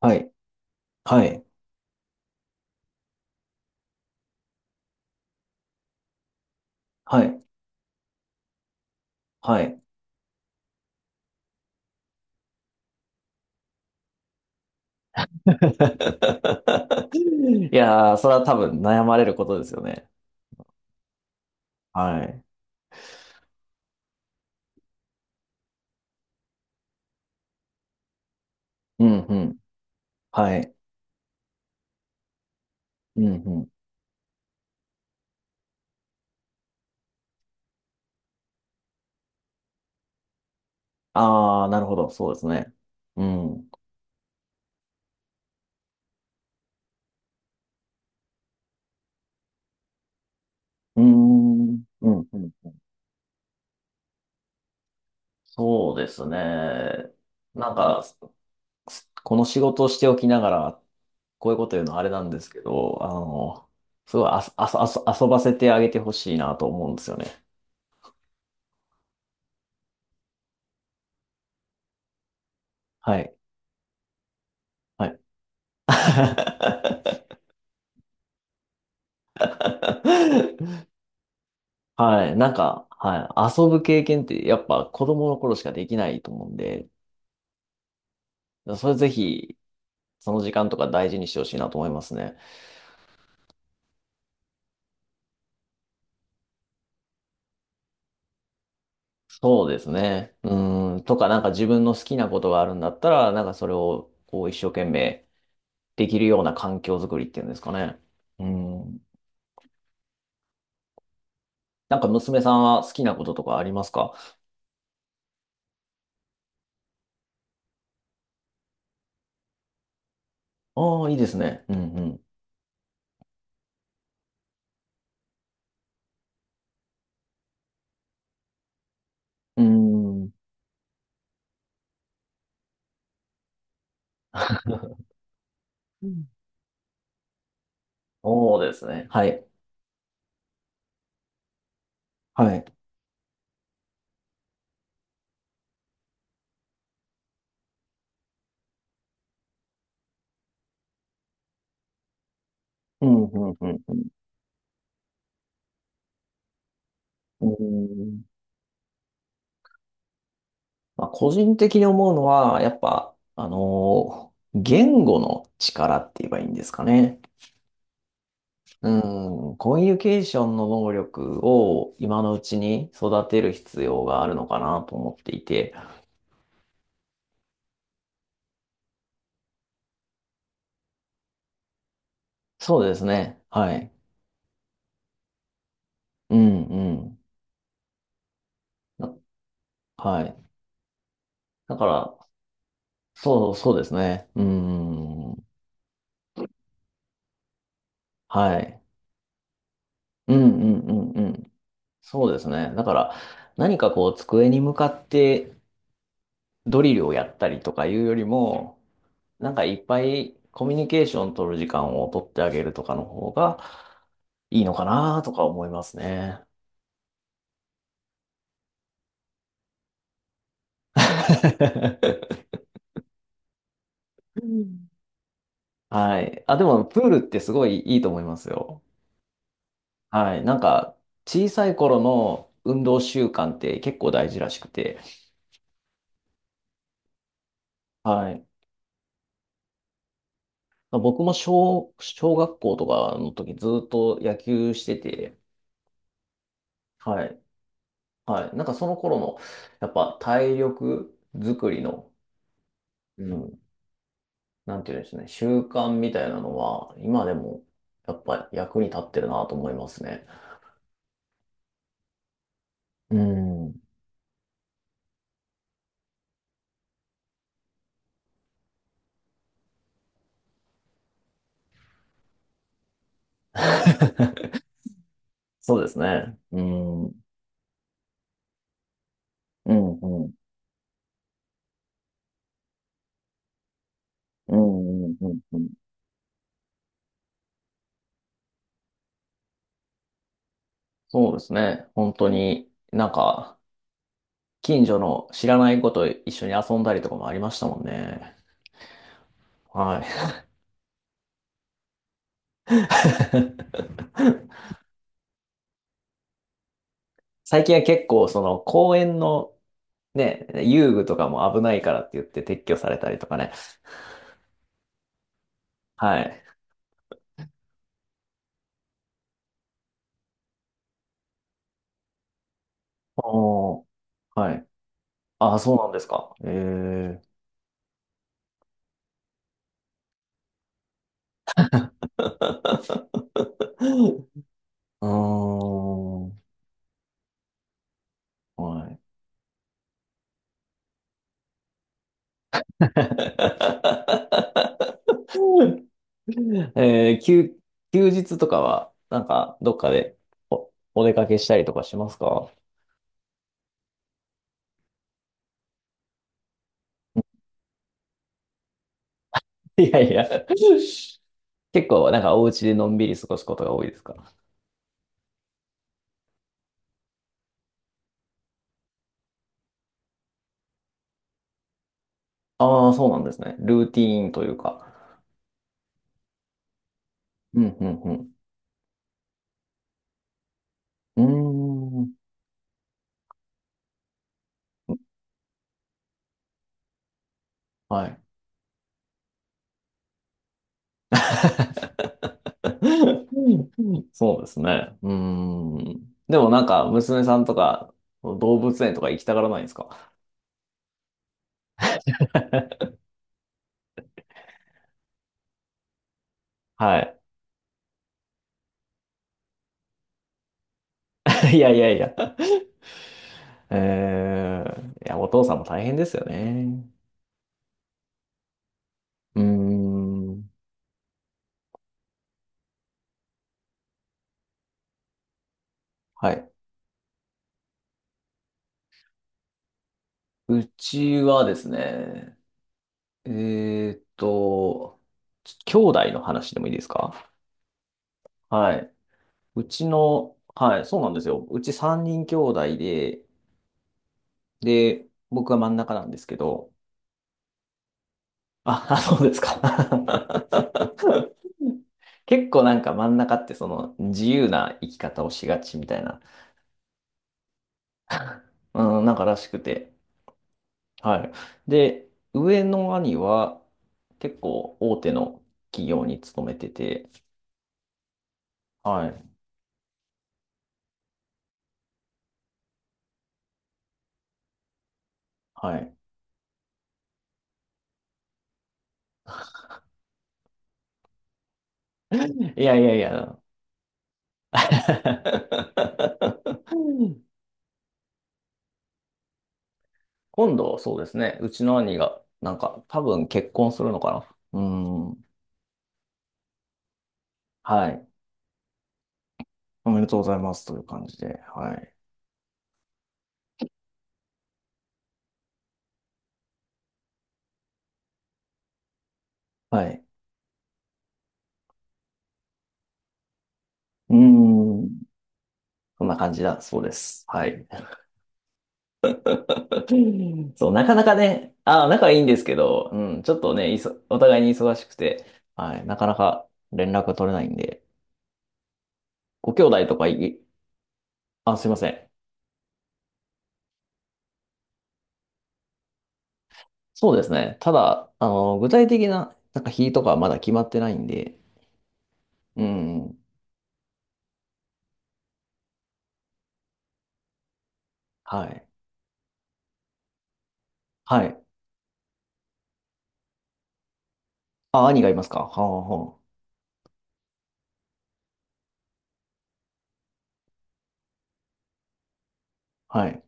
はい、はい、はい、はい。いやー、それは多分悩まれることですよね。はい。うん、うん。はい。うん、うん。あー、なるほど。そうですね。うん。うーん、うん、うん。そうですね。なんか、この仕事をしておきながら、こういうこと言うのはあれなんですけど、すごいあそ、あそ、あそ、遊ばせてあげてほしいなと思うんですよね。はい。はい。はい。なんか、はい。遊ぶ経験ってやっぱ子供の頃しかできないと思うんで、それぜひ、その時間とか大事にしてほしいなと思いますね。そうですね。うん。とか、なんか自分の好きなことがあるんだったら、なんかそれをこう一生懸命できるような環境づくりっていうんですかね。うん。なんか娘さんは好きなこととかありますか？ああー、いいですね。うんうん。うん。うんそうですね。はい。はい。うん、うん、うん、うん。うんまあ、個人的に思うのは、やっぱ、言語の力って言えばいいんですかね。うん、コミュニケーションの能力を今のうちに育てる必要があるのかなと思っていて。そうですね。はい。うん、うん。なはい。だから、そう、そうですね。うん、はい。うん、うん、うん、うん。そうですね。だから、何かこう、机に向かってドリルをやったりとかいうよりも、なんかいっぱいコミュニケーション取る時間を取ってあげるとかの方がいいのかなとか思いますね。うん。はい。あ、でも、プールってすごいいいと思いますよ。はい。なんか、小さい頃の運動習慣って結構大事らしくて。はい。僕も小学校とかの時ずっと野球してて。はい。はい。なんかその頃の、やっぱ体力作りの、うんなんていうんですね、習慣みたいなのは、今でも、やっぱり役に立ってるなと思いますね。うん。そうですね。うん。うん、うん。うん、うん、うん。うんそうですね。本当に、なんか、近所の知らない子と一緒に遊んだりとかもありましたもんね。はい。最近は結構、その、公園の、ね、遊具とかも危ないからって言って撤去されたりとかね。はい。おー。はい。ああ、そうなんですか。ええあー、はい。えー休、休日とかは、なんか、どっかでお出かけしたりとかしますか？ いやいや。結構、なんか、お家でのんびり過ごすことが多いですか？ああー、そうなんですね。ルーティーンというか。うん、うん、うん。うーん、はい。そうですね。うーん。でもなんか、娘さんとか、動物園とか行きたがらないんですか？ はい。いやいやいや。いや、お父さんも大変ですよね。うーん。はい。うちはですね、えーっと、兄弟の話でもいいですか？はい。うちの、はい、そうなんですよ。うち3人兄弟で、で、僕は真ん中なんですけど、あ、あそうですか。結構なんか真ん中ってその自由な生き方をしがちみたいなうん、なんからしくて。はい。で、上の兄は結構大手の企業に勤めてて、はい。はい。いやいやいや。今度、そうですね。うちの兄が、なんか、多分結婚するのかな。うん。はい。おめでとうございますという感じで。はい。はい。うん。そんな感じだ。そうです。はい。そう、なかなかね、あ、仲いいんですけど、うん、ちょっとね、お互いに忙しくて、はい、なかなか連絡が取れないんで、ご兄弟とかあ、すいません。そうですね。ただ、具体的な、なんか日とかはまだ決まってないんで、うん、はい、はい。あ、兄がいますか。はあ、はあ、はい。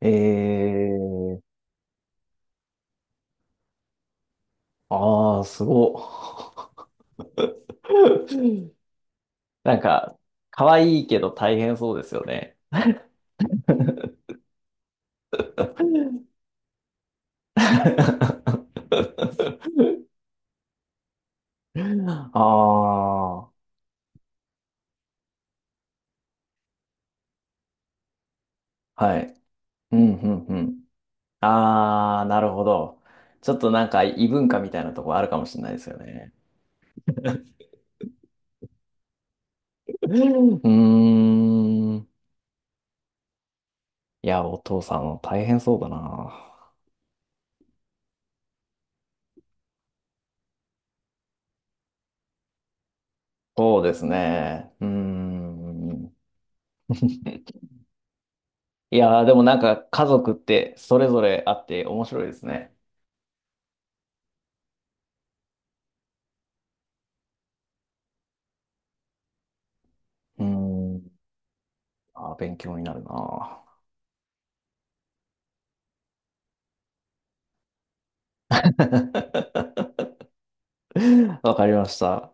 えー、ああ、すごっ。うんなんか、可愛いけど大変そうですよね。ああ、はい。うん、うん、うん。ああ、なるほど。ちょっとなんか異文化みたいなとこあるかもしれないですよね。うん。うーん。いや、お父さん大変そうだな。そうですね。うーん。いやー、でもなんか家族ってそれぞれあって面白いですね。うーん。あー、勉強になるな。わかりました。